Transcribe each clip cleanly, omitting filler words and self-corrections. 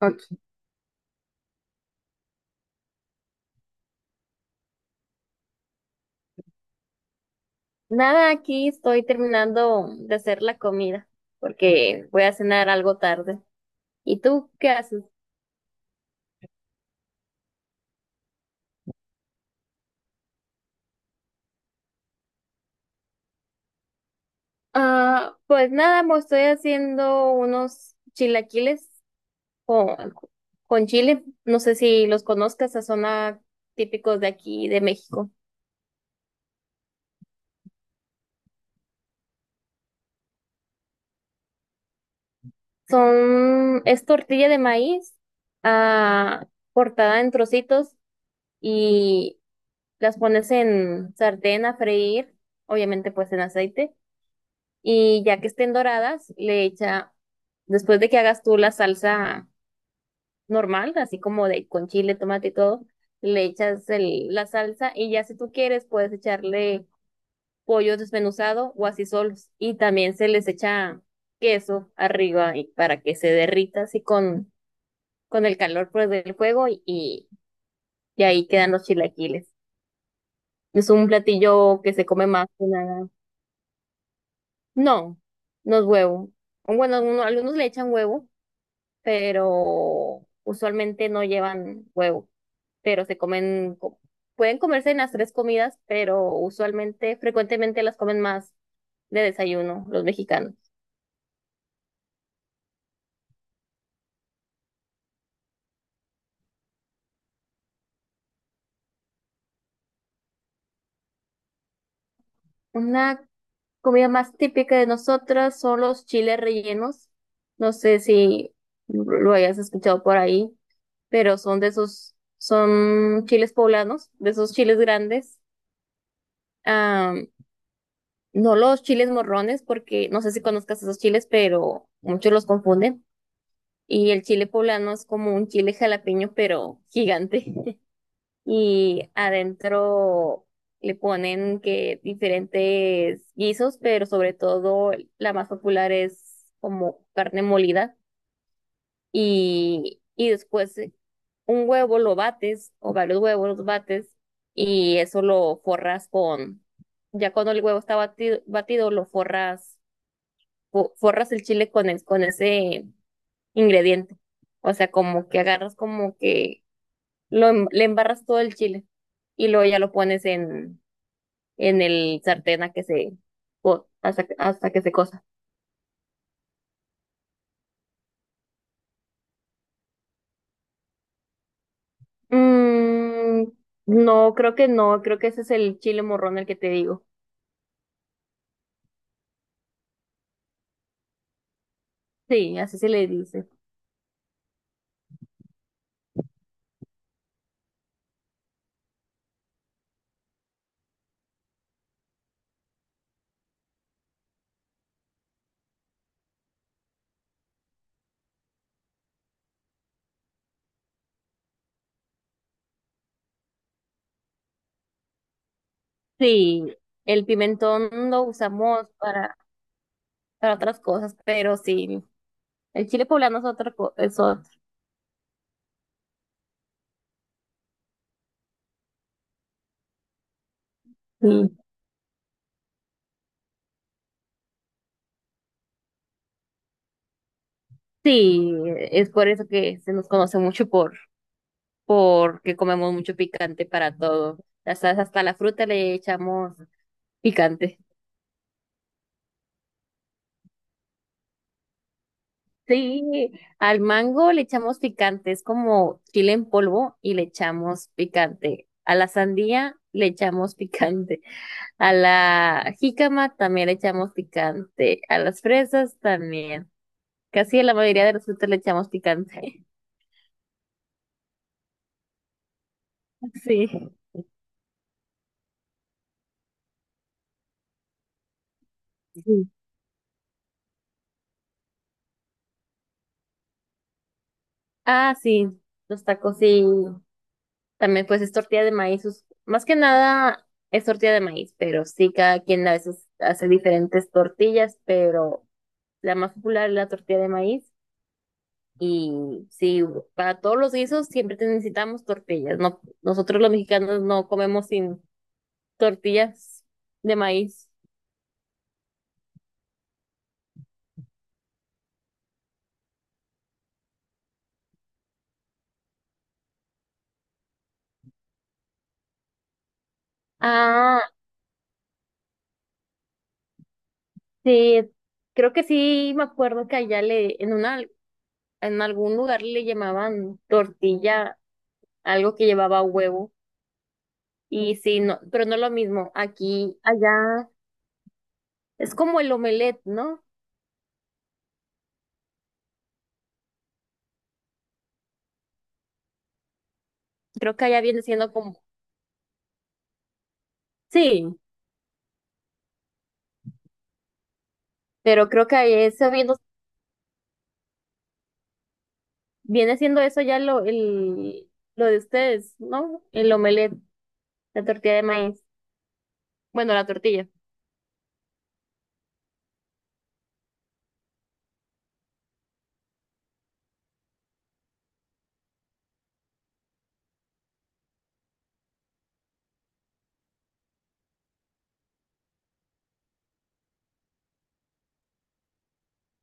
Ok. Nada, aquí estoy terminando de hacer la comida porque voy a cenar algo tarde. ¿Y tú qué haces? Ah, pues nada, me estoy haciendo unos chilaquiles con, con chile. No sé si los conozcas, son típicos de aquí, de México. Son, es tortilla de maíz, ah, cortada en trocitos y las pones en sartén a freír, obviamente pues en aceite. Y ya que estén doradas, le echa, después de que hagas tú la salsa normal, así como de con chile, tomate y todo, le echas el, la salsa y ya si tú quieres puedes echarle pollo desmenuzado o así solos. Y también se les echa queso arriba y para que se derrita así con el calor pues, del fuego y ahí quedan los chilaquiles. Es un platillo que se come más que nada. No, no es huevo. Bueno, algunos le echan huevo pero usualmente no llevan huevo, pero se comen, pueden comerse en las tres comidas, pero usualmente, frecuentemente las comen más de desayuno los mexicanos. Una comida más típica de nosotras son los chiles rellenos. No sé si lo hayas escuchado por ahí, pero son de esos, son chiles poblanos, de esos chiles grandes. No los chiles morrones, porque no sé si conozcas esos chiles, pero muchos los confunden. Y el chile poblano es como un chile jalapeño, pero gigante. Y adentro le ponen que diferentes guisos, pero sobre todo la más popular es como carne molida. Y después un huevo lo bates, o varios huevos los bates, y eso lo forras con, ya cuando el huevo está batido, batido lo forras forras el chile con con ese ingrediente. O sea, como que agarras como que lo, le embarras todo el chile y luego ya lo pones en el sartén a que se, hasta que se cosa. Mm, no, creo que no, creo que ese es el chile morrón el que te digo. Sí, así se le dice. Sí, el pimentón lo usamos para otras cosas, pero sí, el chile poblano es otra cosa, es otro. Sí. Sí, es por eso que se nos conoce mucho por porque comemos mucho picante para todo. Hasta, hasta la fruta le echamos picante. Sí, al mango le echamos picante, es como chile en polvo y le echamos picante. A la sandía le echamos picante. A la jícama también le echamos picante. A las fresas también. Casi a la mayoría de las frutas le echamos picante. Sí. Sí. Ah, sí, los tacos sí. También pues es tortilla de maíz. Más que nada es tortilla de maíz, pero sí, cada quien a veces hace diferentes tortillas, pero la más popular es la tortilla de maíz. Y sí, para todos los guisos siempre necesitamos tortillas. No, nosotros los mexicanos no comemos sin tortillas de maíz. Ah, sí, creo que sí, me acuerdo que allá, en algún lugar le llamaban tortilla, algo que llevaba huevo. Y sí, no, pero no lo mismo. Aquí, allá, es como el omelette, ¿no? Creo que allá viene siendo como, sí, pero creo que ahí eso viendo, viene siendo eso ya lo, el, lo de ustedes, ¿no? El omelette, la tortilla de maíz. Bueno, la tortilla.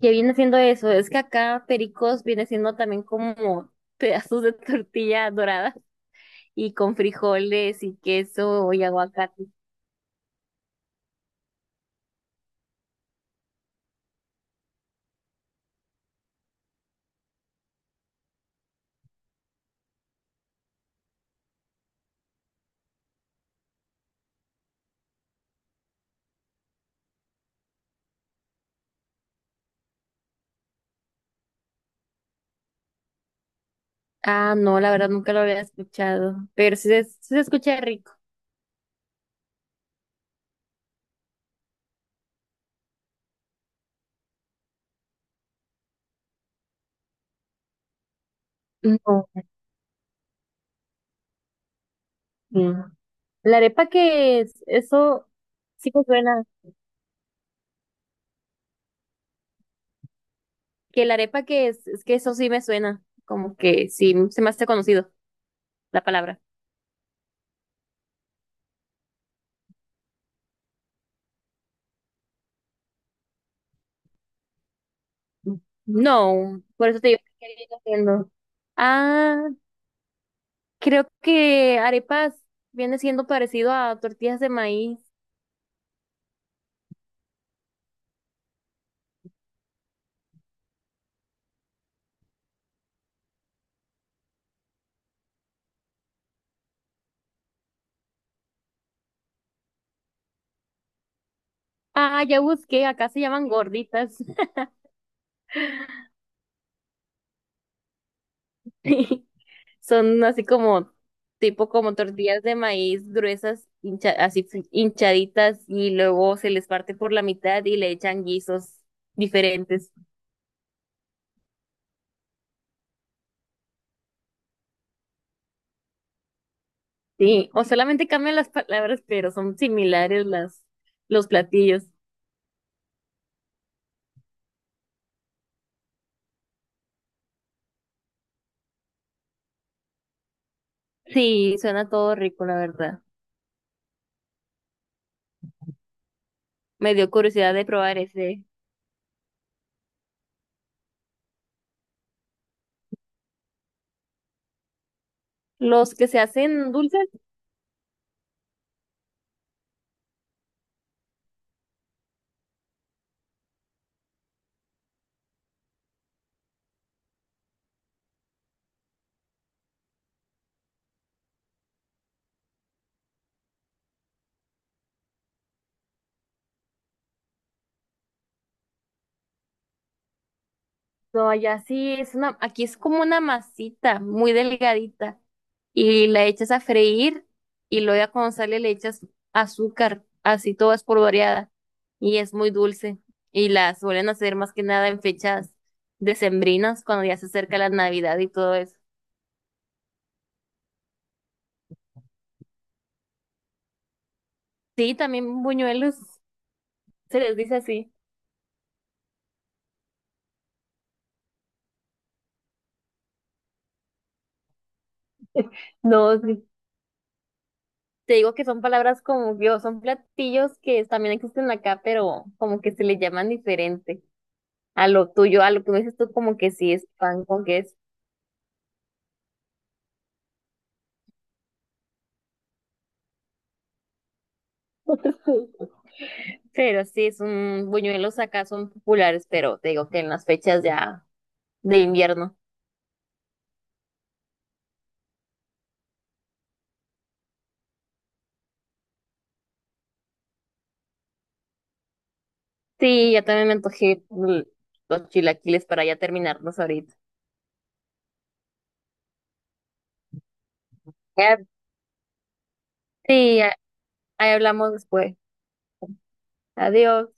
¿Qué viene siendo eso? Es que acá pericos viene siendo también como pedazos de tortilla dorada y con frijoles y queso y aguacate. Ah, no, la verdad nunca lo había escuchado, pero sí se escucha rico. No. La arepa que es, eso sí me suena. Que la arepa que es que eso sí me suena. Como que sí, se me hace conocido la palabra. No, por eso te digo que viene siendo. Ah, creo que arepas viene siendo parecido a tortillas de maíz. Ah, ya busqué, acá se llaman gorditas. Son así como, tipo como tortillas de maíz gruesas, hinchaditas, y luego se les parte por la mitad y le echan guisos diferentes. Sí, o solamente cambian las palabras, pero son similares las, los platillos. Sí, suena todo rico, la verdad. Me dio curiosidad de probar ese. Los que se hacen dulces. No, allá sí es una, aquí es como una masita muy delgadita y la echas a freír y luego ya cuando sale le echas azúcar, así toda espolvoreada y es muy dulce y la suelen hacer más que nada en fechas decembrinas cuando ya se acerca la Navidad y todo eso. Sí, también buñuelos se les dice así. No, sí, te digo que son palabras como yo, son platillos que también existen acá, pero como que se les llaman diferente. A lo tuyo, a lo que me dices tú, como que sí es pan con que es, pero sí es un buñuelos acá son populares, pero te digo que en las fechas ya de invierno. Sí, ya también me antojé los chilaquiles para ya terminarnos ahorita. Ya, Sí, ahí hablamos después. Adiós.